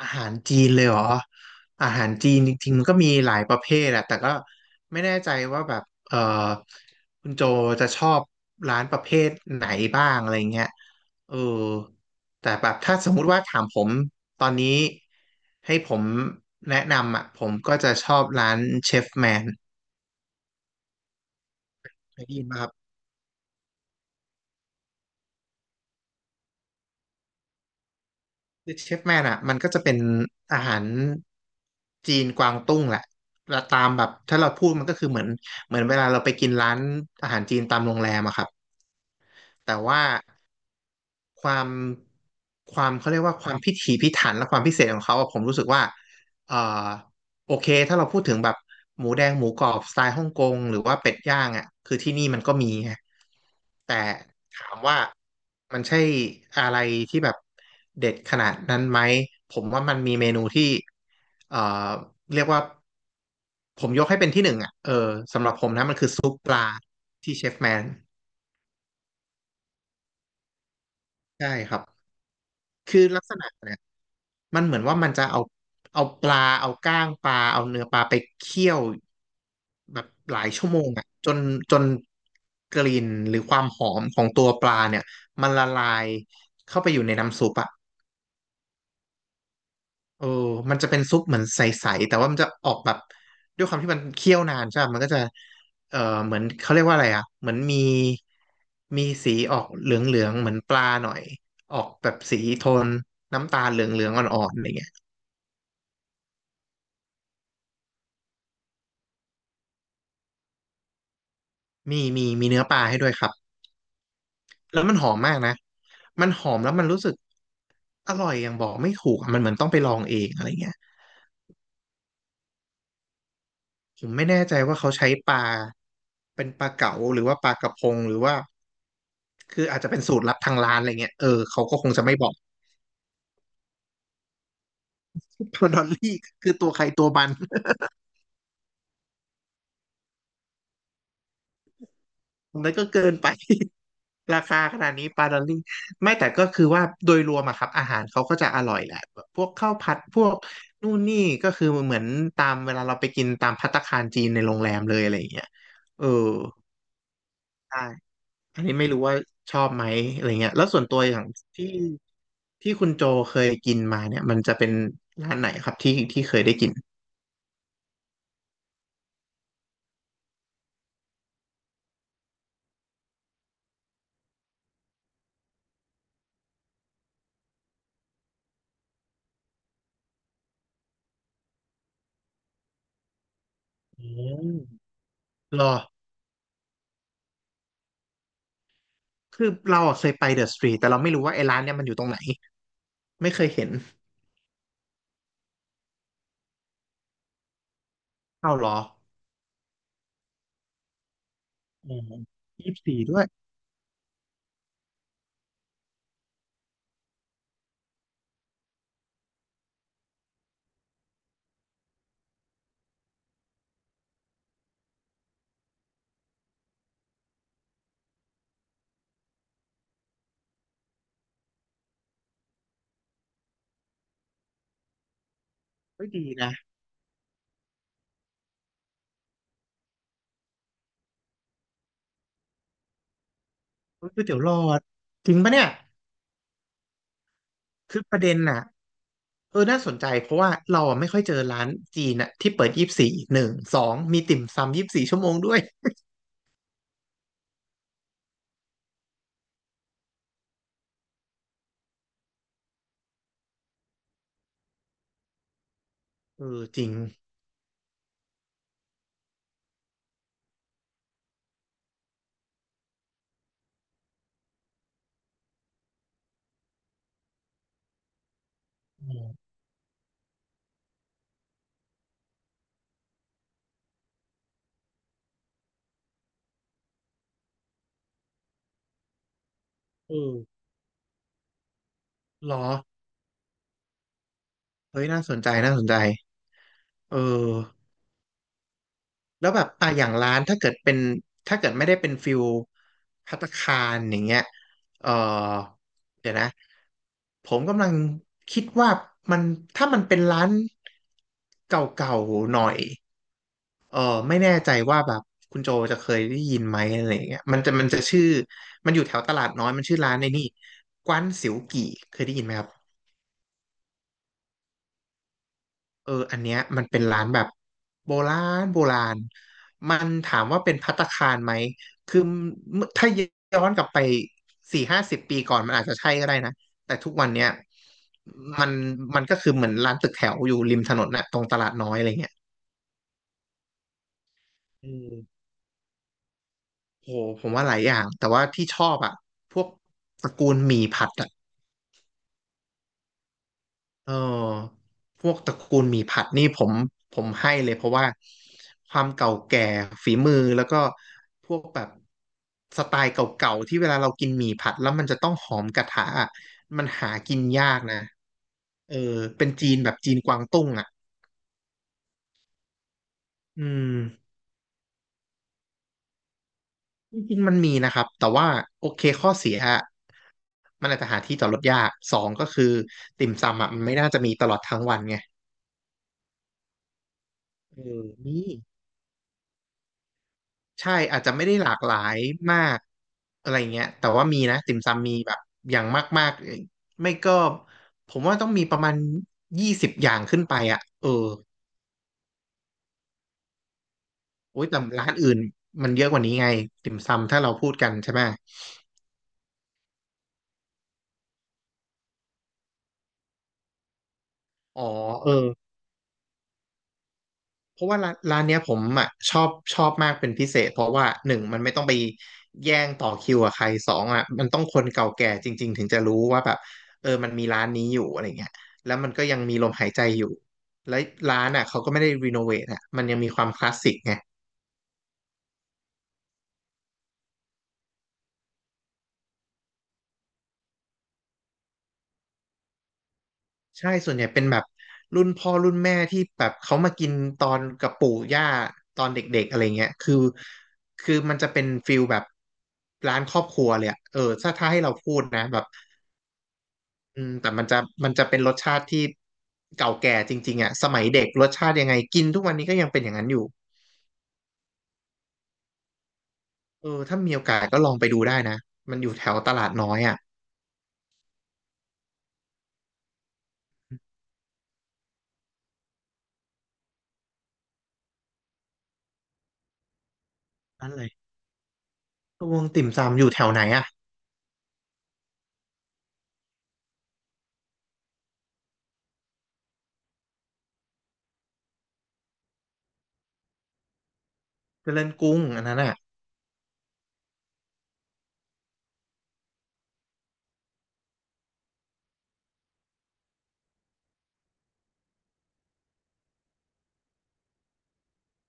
อาหารจีนเลยเหรออาหารจีนจริงๆมันก็มีหลายประเภทอะแต่ก็ไม่แน่ใจว่าแบบเออคุณโจจะชอบร้านประเภทไหนบ้างอะไรเงี้ยเออแต่แบบถ้าสมมุติว่าถามผมตอนนี้ให้ผมแนะนำอะผมก็จะชอบร้านเชฟแมนได้ยินป่ะครับ คือเชฟแมนอ่ะมันก็จะเป็นอาหารจีนกวางตุ้งแหละแล้วตามแบบถ้าเราพูดมันก็คือเหมือนเวลาเราไปกินร้านอาหารจีนตามโรงแรมอะครับแต่ว่าความความเขาเรียกว่าความพิถีพิถันและความพิเศษของเขาอะผมรู้สึกว่าเอ่อโอเคถ้าเราพูดถึงแบบหมูแดงหมูกรอบสไตล์ฮ่องกงหรือว่าเป็ดย่างอะคือที่นี่มันก็มีไงแต่ถามว่า มันใช่อะไรที่แบบเด็ดขนาดนั้นไหมผมว่ามันมีเมนูที่เอ่อเรียกว่าผมยกให้เป็นที่หนึ่งอ่ะสำหรับผมนะมันคือซุปปลาที่เชฟแมนใช่ครับคือลักษณะเนี่ยมันเหมือนว่ามันจะเอาปลาเอาก้างปลาเอาเนื้อปลาไปเคี่ยวแบบหลายชั่วโมงอ่ะจนกลิ่นหรือความหอมของตัวปลาเนี่ยมันละลายเข้าไปอยู่ในน้ำซุปอ่ะ เออมันจะเป็นซุปเหมือนใสๆแต่ว่ามันจะออกแบบด้วยความที่มันเคี่ยวนานใช่ไหมมันก็จะเออเหมือนเขาเรียกว่าอะไรอ่ะเหมือนมีมีสีออกเหลืองๆเหมือนปลาหน่อยออกแบบสีโทนน้ำตาลเหลืองๆอ่อนๆอะไรเงี้ยมีเนื้อปลาให้ด้วยครับแล้วมันหอมมากนะมันหอมแล้วมันรู้สึกอร่อยอย่างบอกไม่ถูกอะมันเหมือนต้องไปลองเองอะไรเงี้ยผมไม่แน่ใจว่าเขาใช้ปลาเป็นปลาเก๋าหรือว่าปลากระพงหรือว่า คืออาจจะเป็นสูตรลับทางร้านอะไรเงี้ยเขาก็คงจะไม่บอกปลาดอลลี่คือตัวใครตัวมันนั่นก็เกินไป ราคาขนาดนี้ปลาดอลลี่ไม่แต่ก็คือว่าโดยรวมอะครับอาหารเขาก็จะอร่อยแหละแบบพวกข้าวผัดพวกนู่นนี่ก็คือเหมือนตามเวลาเราไปกินตามภัตตาคารจีนในโรงแรมเลยอะไรอย่างเงี้ยเออใช่อันนี้ไม่รู้ว่าชอบไหมอะไรเงี้ยแล้วส่วนตัวอย่างที่ที่คุณโจเคยกินมาเนี่ยมันจะเป็นร้านไหนครับที่เคยได้กินอืมรอ คือเราอะเคยไปเดอะสตรีทแต่เราไม่รู้ว่าไอ้ร้านเนี่ยมันอยู่ตรงไหนไม่เคยเห็นเอาเหรออ๋อยี่สิบสี่ด้วยเฮ้ยดีนะเฮ้ยก๋วยเตี๋ยวหลอดจริงปะเนี่ย คือประเด็นน่ะน่าสนใจเพราะว่าเราอะไม่ค่อยเจอร้านจีนอะที่เปิดยี่สิบสี่หนึ่งสองมีติ่มซำยี่สิบสี่ชั่วโมงด้วยจริงเออเหรอเฮ้ยน่าสนใจน่าสนใจเออ แล้วแบบอ่ะอย่างร้านถ้าเกิดเป็นถ้าเกิดไม่ได้เป็นฟิลภัตตาคารอย่างเงี้ยเออเดี๋ยวนะผมกำลังคิดว่ามันถ้ามันเป็นร้านเก่าๆหน่อยเออไม่แน่ใจว่าแบบคุณโจจะเคยได้ยินไหมอะไรอย่างเงี้ยมันจะชื่อมันอยู่แถวตลาดน้อยมันชื่อร้านในนี่กว้านสิวกี่เคยได้ยินไหมครับ อันเนี้ยมันเป็นร้านแบบโบราณโบราณมันถามว่าเป็นภัตตาคารไหม คือเมื่อถ้าย้อนกลับไปสี่ห้าสิบปีก่อนมันอาจจะใช่ก็ได้นะ แต่ทุกวันเนี้ยมันมันก็คือเหมือนร้านตึกแถวอยู่ริมถนนน่ะตรงตลาดน้อยอะไรเงี้ยอืมโหผมว่าหลายอย่าง แต่ว่าที่ชอบอ่ะพวกตระกูลหมี่ผัดอ่ะ เออพวกตระกูลหมี่ผัดนี่ผมให้เลยเพราะว่าความเก่าแก่ฝีมือแล้วก็พวกแบบสไตล์เก่าๆที่เวลาเรากินหมี่ผัดแล้วมันจะต้องหอมกระทะอะมันหากินยากนะเออเป็นจีนแบบจีนกวางตุ้งอ่ะอืมจริงๆมันมีนะครับแต่ว่าโอเคข้อเสียอะมันอาจจะหาที่จอดรถยากสองก็คือติ่มซำอ่ะมันไม่น่าจะมีตลอดทั้งวันไงเอมี ใช่อาจจะไม่ได้หลากหลายมากอะไรเงี้ยแต่ว่ามีนะติ่มซำมีแบบอย่างมากๆไม่ก็ผมว่าต้องมีประมาณ20 อย่างขึ้นไปอ่ะโอ้ยแต่ร้านอื่นมันเยอะกว่านี้ไงติ่มซำถ้าเราพูดกันใช่ไหมอ๋อเออ เพราะว่าร้านเนี้ยผมอ่ะชอบชอบมากเป็นพิเศษเพราะว่าหนึ่งมันไม่ต้องไปแย่งต่อคิวกับใครสองอ่ะมันต้องคนเก่าแก่จริงๆถึงจะรู้ว่าแบบเออมันมีร้านนี้อยู่อะไรเงี้ยแล้วมันก็ยังมีลมหายใจอยู่แล้วร้านอ่ะเขาก็ไม่ได้รีโนเวทอ่ะมันยังมีความคลาสสิกไงใช่ส่วนใหญ่เป็นแบบรุ่นพ่อรุ่นแม่ที่แบบเขามากินตอนกับปู่ย่าตอนเด็กๆอะไรเงี้ยคือมันจะเป็นฟิลแบบร้านครอบครัวเลยอะเออถ้าให้เราพูดนะแบบ อืมแต่มันจะเป็นรสชาติที่เก่าแก่จริงๆอ่ะสมัยเด็กรสชาติยังไงกินทุกวันนี้ก็ยังเป็นอย่างนั้นอยู่เออถ้ามีโอกาสก็ลองไปดูได้นะมันอยู่แถวตลาดน้อยอ่ะนั่นเลยตวงติ่มซำอยู่แถวไหนอ่ะเจริญกรุงอันนั้นอ่ะ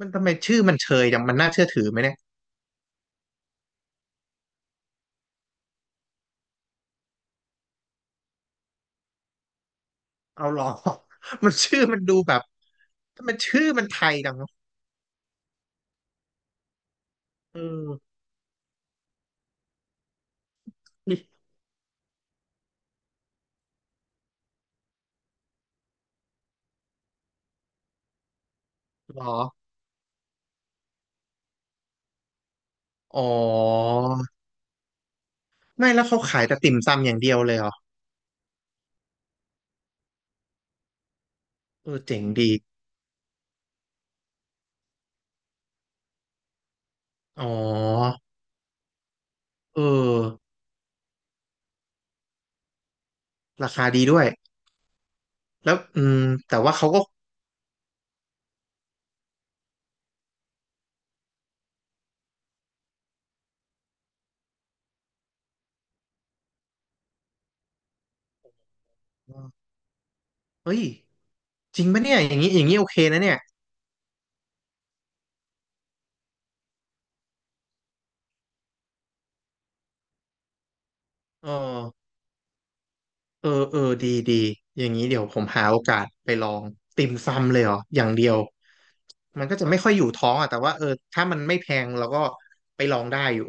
มันทำไมชื่อมันเชยจังมันน่าเชื่อถือไหมเนี่ยเอาหรอ มันชื่อมันดูแบบทำไมชื่อมันไทยจังเนอะเออ่หรออ๋อไม่แล้วเขาขายแต่ติ่มซำอย่างเดียวเลยเหรอเออเจ๋งดีอ๋อเออราคาดีด้วย แล้วอืมแต่ว่าเขาก็เฮ้ยจริงปะเนี่ยอย่างนี้อย่างนี้โอเคนะเนี่ยเออเออเออดีดีอย่างนี้เดี๋ยวผมหาโอกาสไปลองติ่มซำเลยเหรออย่างเดียวมันก็จะไม่ค่อยอยู่ท้องอ่ะแต่ว่าเออถ้ามันไม่แพงเราก็ไปลองได้อยู่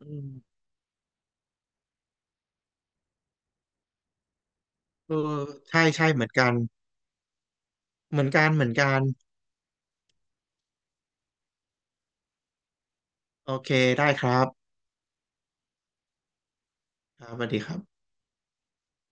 อืมเออใช่ใช่เหมือนกันเหมือนกันโอเคได้ครับครับสวัสดีครับ